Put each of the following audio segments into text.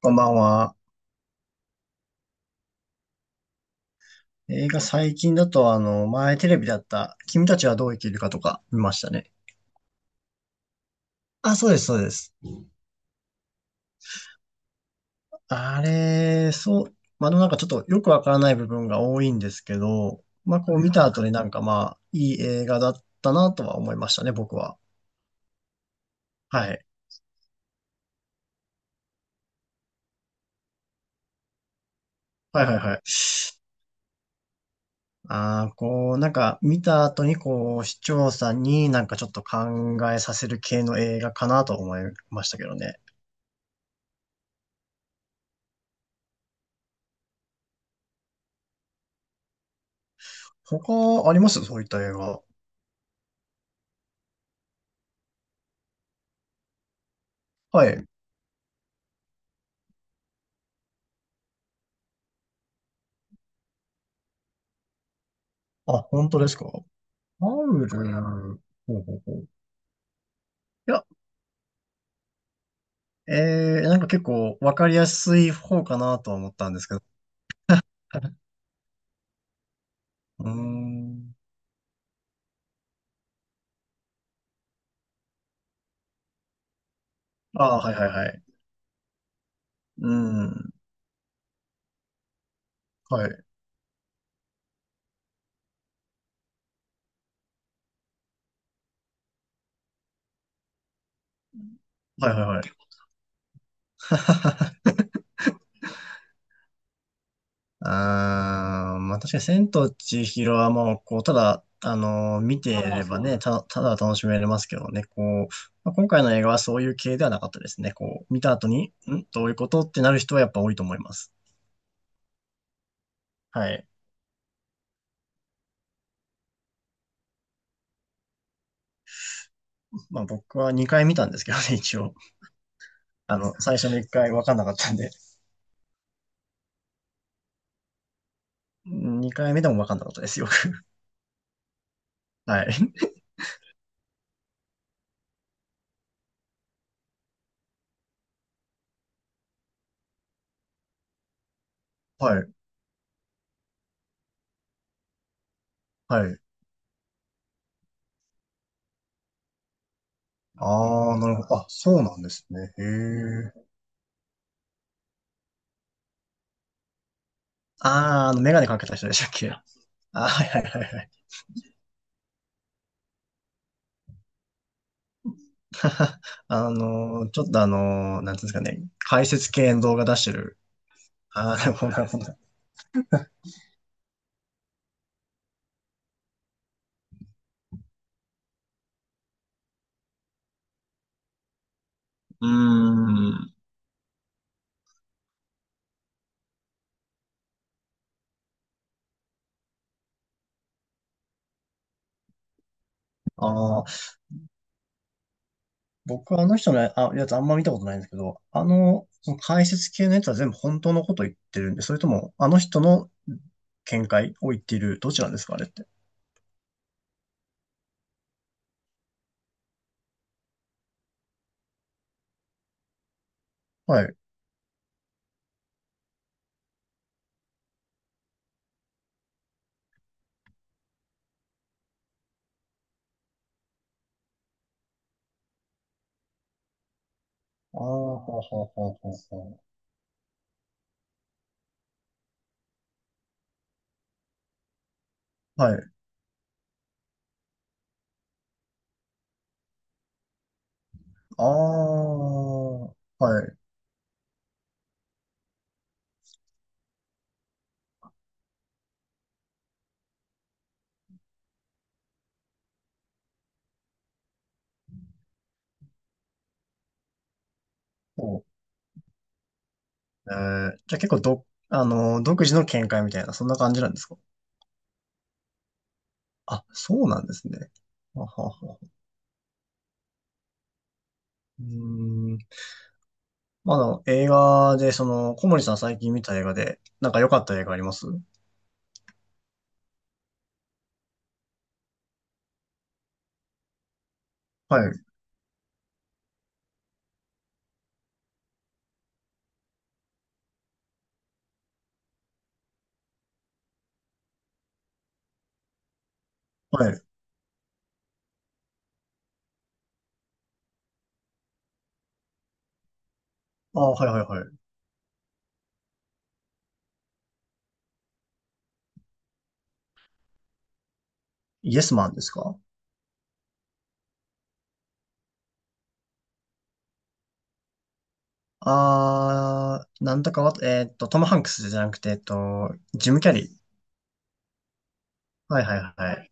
こんばんは。映画最近だと、前テレビだった、君たちはどう生きるかとか見ましたね。あ、そうです、そうです。あれ、そう、まあ、でもなんかちょっとよくわからない部分が多いんですけど、まあ、こうはい見た後になんかまあ、いい映画だったなとは思いましたね、僕は。はい。はいはいはい。ああ、こう、なんか見た後にこう、視聴者になんかちょっと考えさせる系の映画かなと思いましたけどね。他ありますそういった映画。はい。あ、本当ですかファウル。ほうほうほう。いや、なんか結構わかりやすい方かなとは思ったんですけど。うーん。ああ、はいはいはい。うん。はい。はいはいはい。あー、まあ確かに千と千尋はもう、こう、ただ、見ていればね、ただ楽しめれますけどね、こう、まあ、今回の映画はそういう系ではなかったですね。こう、見た後に、んどういうことってなる人はやっぱ多いと思います。はい。まあ僕は2回見たんですけどね、一応。最初の1回分かんなかったんで、2回目でも分かんなかったですよ。はい。はい、はい。ああ、なるほど。あ、そうなんですね。へえ。ああ、あの、メガネかけた人でしたっけ。あーはいはいはいはい。あのー、ちょっとあのー、なんていうんですかね、解説系の動画出してる。ああ、なるほどなるほど。うーん。あ、僕はあの人のあやつあんま見たことないんですけど、その解説系のやつは全部本当のこと言ってるんで、それともあの人の見解を言っている、どちらですか、あれって。はい。ああ、ほうほうほうほうほう。はい。ああ、はい。ほう。じゃあ結構ど、独自の見解みたいな、そんな感じなんですか。あ、そうなんですね。あははは。うーん。映画で、その、小森さん最近見た映画で、なんか良かった映画あります。はい。はい。ああ、はいはいはい。イエスマンですか。ああー、なんとかわ、えーっと、トム・ハンクスじゃなくて、えっと、ジム・キャリー。はいはいはい。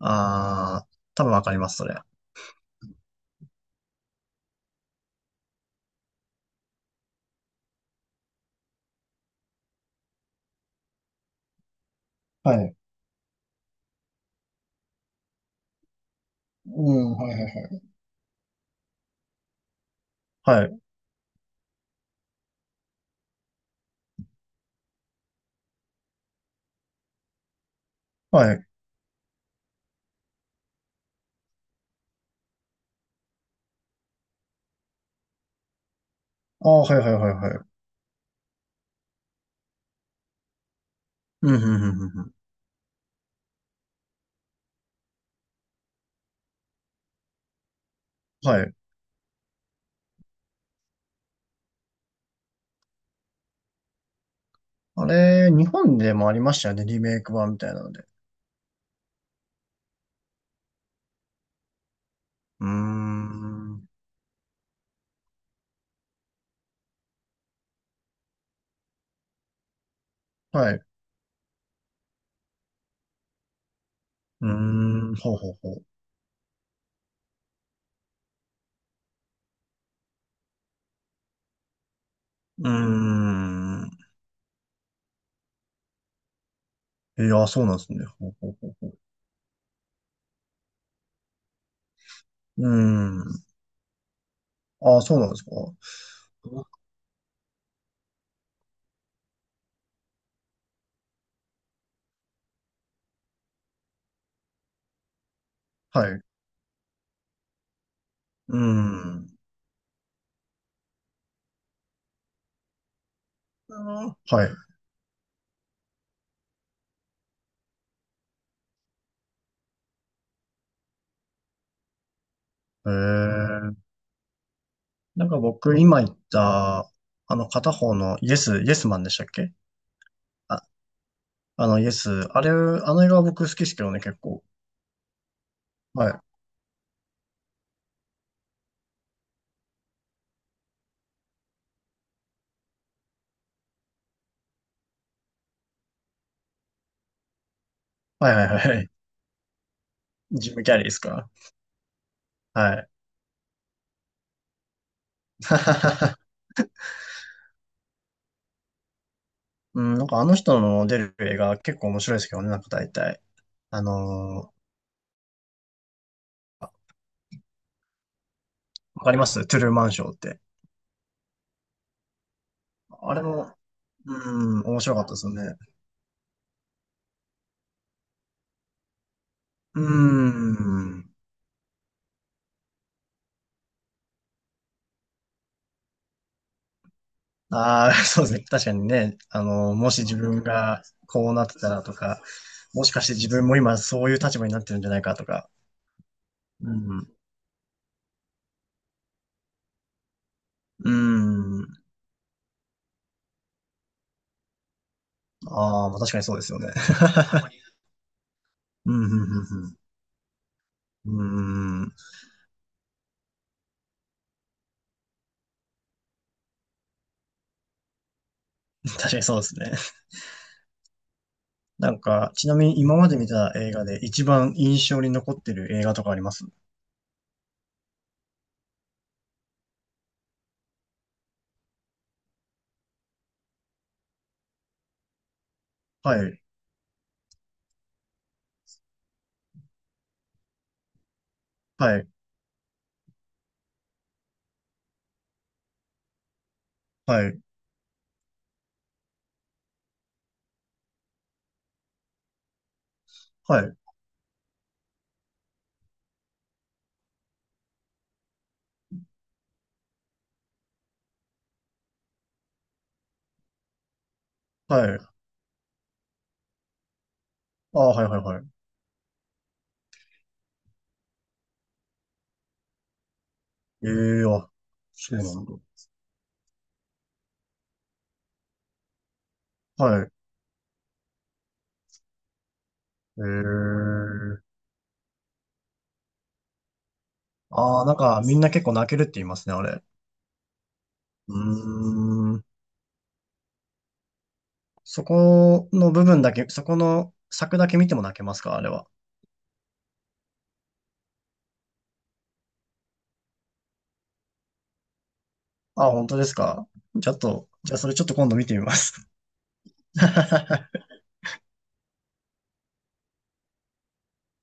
ああ、多分わかります、それ。はい。うん、はいはいはい。はい。はい。ああ、はいはいはいはい。うん、うん、うん、うん。うん、はい。あれ、日本でもありましたよね、リメイク版みたいなので。うーん。はい。うーん、ほうほうほう。うーん。いや、そうなんですね。ほうほうほうほう。うーん。ああ、そうなんですか。はい。うん。あーはい。えー、なんか僕今言った、あの片方のイエス、イエスマンでしたっけ。あ、あのイエス、あれ、あの映画は僕好きですけどね、結構。はい。はいはいはい。ジム・キャリーですか。はい。うん、なんかあの人の出る映画結構面白いですけどね、なんか大体。あのー、わかりますトゥルーマンショーって。あれも、うん、面白かったですよね。うん。ああ、そうですね。確かにね、あの、もし自分がこうなってたらとか、もしかして自分も今そういう立場になってるんじゃないかとか。うん。うん。ああ、まあ確かにそうですよね。うん、うん、うん、うん。うん、確かにそうですね。なんか、ちなみに今まで見た映画で一番印象に残ってる映画とかあります。はい、はい、はい、はい、はい。ああ、はい、はい、はい。ええあ、そうなんだ。はい。ええ、ああ、なんかみんな結構泣けるって言いますね、あれ。うーん。そこの部分だけ、そこの作だけ見ても泣けますか、あれは。ああ、本当ですか。ちょっと、じゃあそれちょっと今度見てみます。